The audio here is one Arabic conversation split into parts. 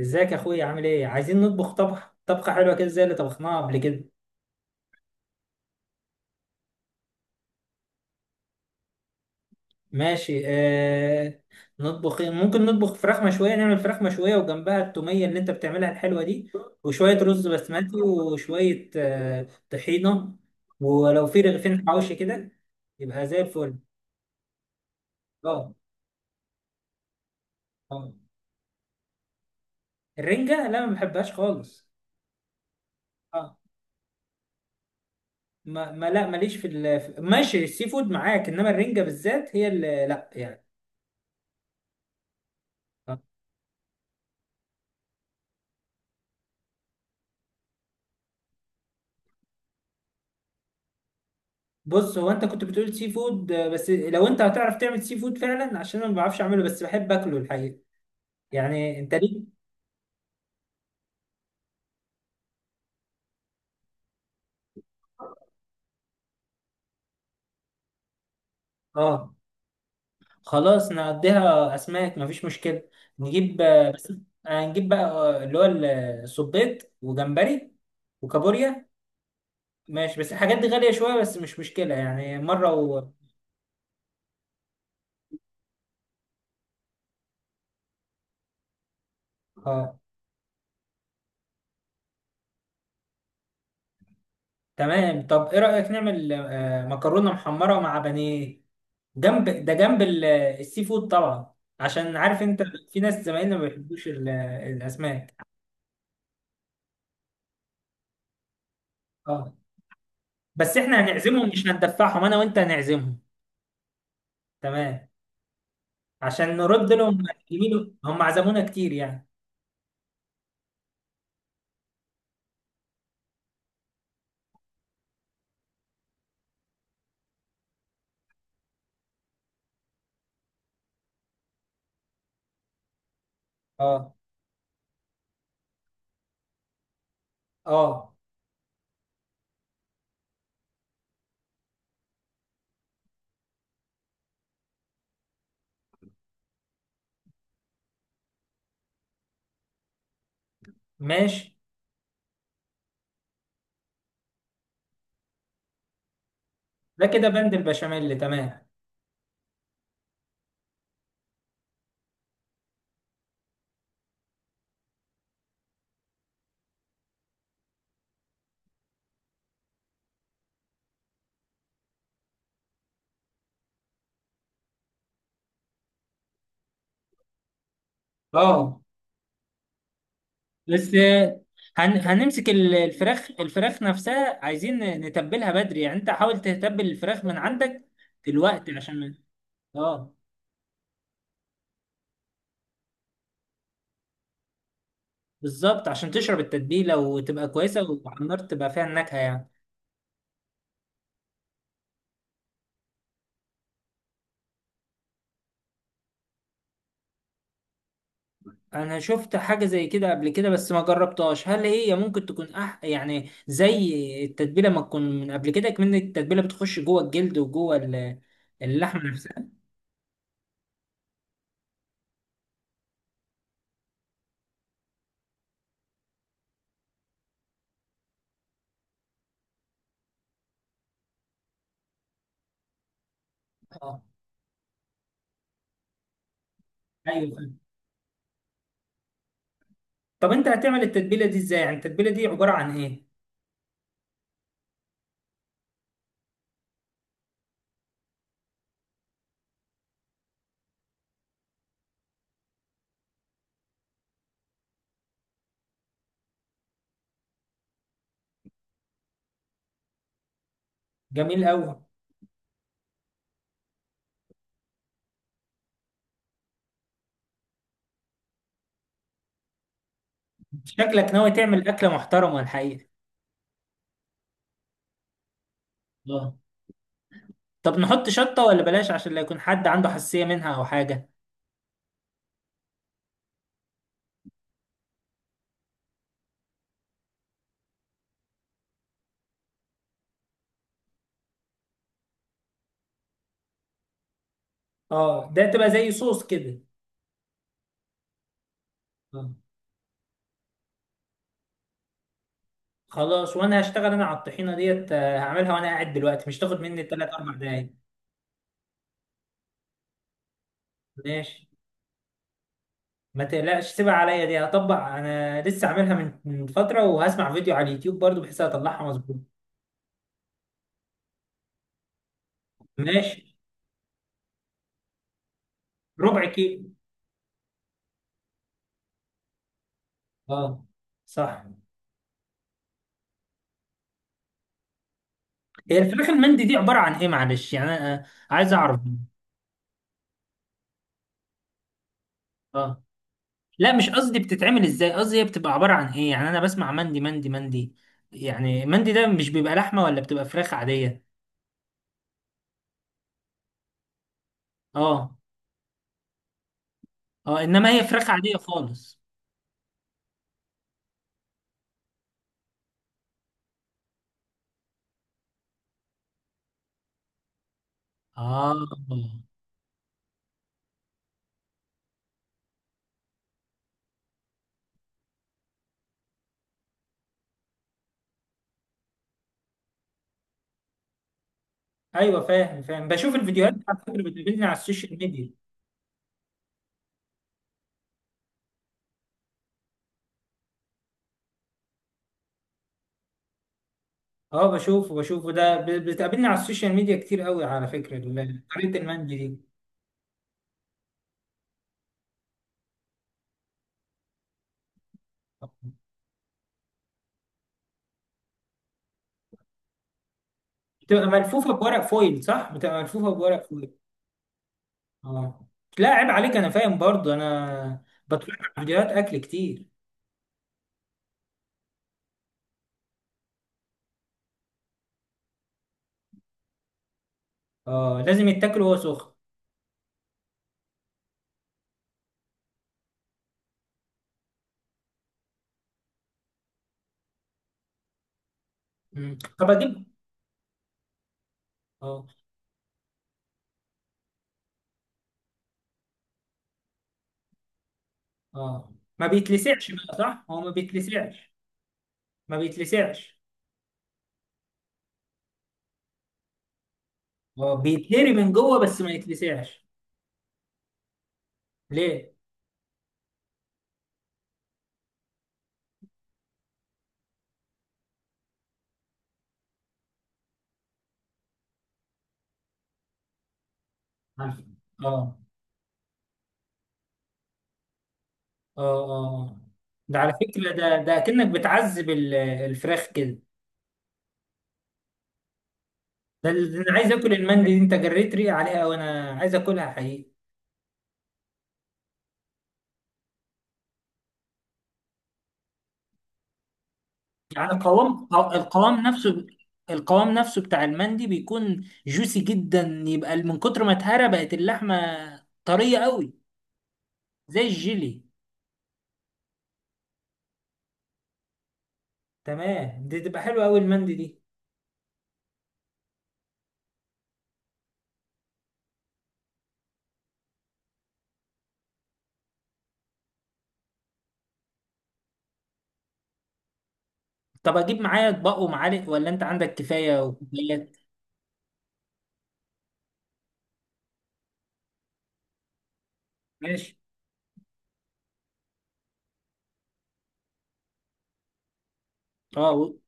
ازيك يا اخويا، عامل ايه؟ عايزين نطبخ طبخ طبخه حلوه كده زي اللي طبخناها قبل كده. ماشي. نطبخ إيه؟ ممكن نطبخ فراخ مشويه، نعمل فراخ مشويه وجنبها التوميه اللي انت بتعملها الحلوه دي، وشويه رز بسمتي، وشويه طحينه. ولو في رغيفين حواوشي كده يبقى زي الفل. اه. اه، الرنجه لا، ما بحبهاش خالص. اه. ما لا، ماليش ماشي، السي فود معاك، انما الرنجه بالذات هي اللي لا يعني. اه. بص، هو انت كنت بتقول سي فود، بس لو انت هتعرف تعمل سي فود فعلا، عشان انا ما بعرفش اعمله بس بحب اكله الحقيقه. يعني انت ليه؟ اه، خلاص نقضيها اسماك، مفيش مشكله. نجيب آه، هنجيب بقى، اللي هو الصبيط وجمبري وكابوريا. ماشي، بس الحاجات دي غاليه شويه، بس مش مشكله يعني مره اه، تمام. طب ايه رأيك نعمل، مكرونة محمرة مع بانيه جنب ده، جنب السي فود طبعا، عشان عارف انت في ناس زمايلنا ما بيحبوش الاسماك. اه، بس احنا هنعزمهم مش هندفعهم، انا وانت هنعزمهم. تمام، عشان نرد لهم يميلوا، هم عزمونا كتير يعني. اه. اه، ماشي. ده كده بند البشاميل، تمام. اه، بس هنمسك الفراخ نفسها، عايزين نتبلها بدري، يعني انت حاول تتبل الفراخ من عندك دلوقتي عشان اه، بالظبط، عشان تشرب التتبيله وتبقى كويسه، وعلى النار تبقى فيها النكهه يعني. انا شفت حاجه زي كده قبل كده بس ما جربتهاش، هل هي ممكن تكون يعني زي التتبيله، ما تكون من قبل كده، كمان التتبيله بتخش جوه الجلد وجوه اللحمه نفسها. اه، ايوه فاهم. طب انت هتعمل التتبيله دي ازاي؟ يعني التتبيله دي عباره عن ايه؟ جميل قوي. شكلك ناوي تعمل أكلة محترمة الحقيقة. اه، طب نحط شطة ولا بلاش عشان لا يكون حد عنده حساسية منها أو حاجة؟ اه، ده تبقى زي صوص كده. اه خلاص، وأنا هشتغل أنا على الطحينة ديت، هعملها وأنا قاعد دلوقتي، مش تاخد مني 3 4 دقايق. ماشي، ما تقلقش، سيبها عليا، دي هطبق أنا لسه عاملها من فترة، وهسمع فيديو على اليوتيوب برضو بحيث أطلعها مظبوط. ماشي. ربع كيلو. اه، صح. هي الفراخ المندي دي عبارة عن إيه؟ معلش يعني أنا، عايز أعرف. اه، لا مش قصدي بتتعمل ازاي، قصدي هي بتبقى عبارة عن ايه؟ يعني انا بسمع مندي مندي مندي، يعني مندي ده مش بيبقى لحمة ولا بتبقى فراخ عادية؟ اه. اه، انما هي فراخ عادية خالص. اه، ايوه فاهم فاهم، بشوف الفيديوهات على فكرة، بتقابلني على السوشيال ميديا. اه، بشوفه بشوفه، ده بتقابلني على السوشيال ميديا كتير قوي على فكرة، طريقة المندي دي بتبقى ملفوفة بورق فويل، صح؟ بتبقى ملفوفة بورق فويل. اه، لا عيب عليك، انا فاهم برضو، انا بتفرج على فيديوهات اكل كتير. اه، لازم يتاكل وهو سخن. مم. طب اجيب. اه. اه، ما بيتلسعش بقى، صح؟ هو ما بيتلسعش. ما بيتلسعش. اه، بيتهري من جوه، بس ما يتلسعش. ليه؟ عارف. اه. اه. اه، ده على فكرة، ده كأنك بتعذب الفراخ كده. ده انا عايز اكل المندي دي، انت جريت ريقي عليها وانا عايز اكلها حقيقي. يعني القوام نفسه، القوام نفسه بتاع المندي بيكون جوسي جدا، يبقى من كتر ما اتهرى بقت اللحمة طرية قوي، زي الجيلي. تمام، دي تبقى حلوة قوي المندي دي. طب اجيب معايا اطباق ومعالق ولا انت عندك كفاية وكوبايات؟ ماشي. اه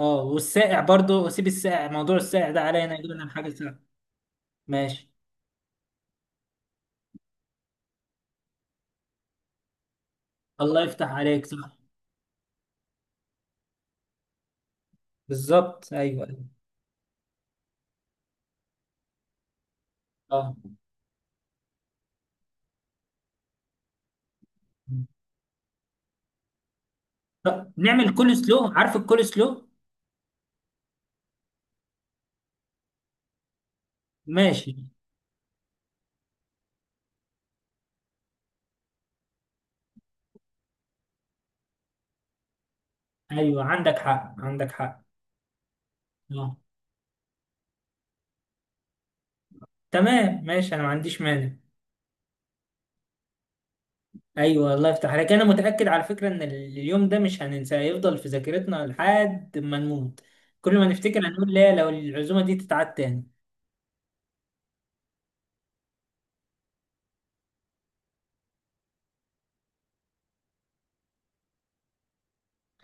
اه والساقع برضو، واسيب الساقع، موضوع الساقع ده عليا، انا اجيب انا حاجة ساقعة. ماشي. الله يفتح عليك، صح بالظبط، ايوه ايوه. اه، طب نعمل كول سلو، عارف الكول سلو؟ ماشي. ايوه عندك حق عندك حق. اه، تمام، ماشي، انا ما عنديش مانع. ايوه الله يفتح عليك، انا متاكد على فكره ان اليوم ده مش هننساه، هيفضل في ذاكرتنا لحد ما نموت. كل ما نفتكر هنقول لا لو العزومه دي تتعاد تاني.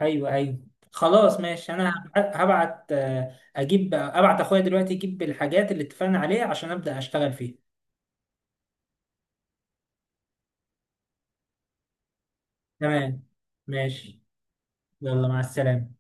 ايوه ايوه، خلاص ماشي. انا هبعت، اجيب، ابعت اخويا دلوقتي يجيب الحاجات اللي اتفقنا عليها عشان ابدا اشتغل فيها. تمام، ماشي. يلا مع السلامه.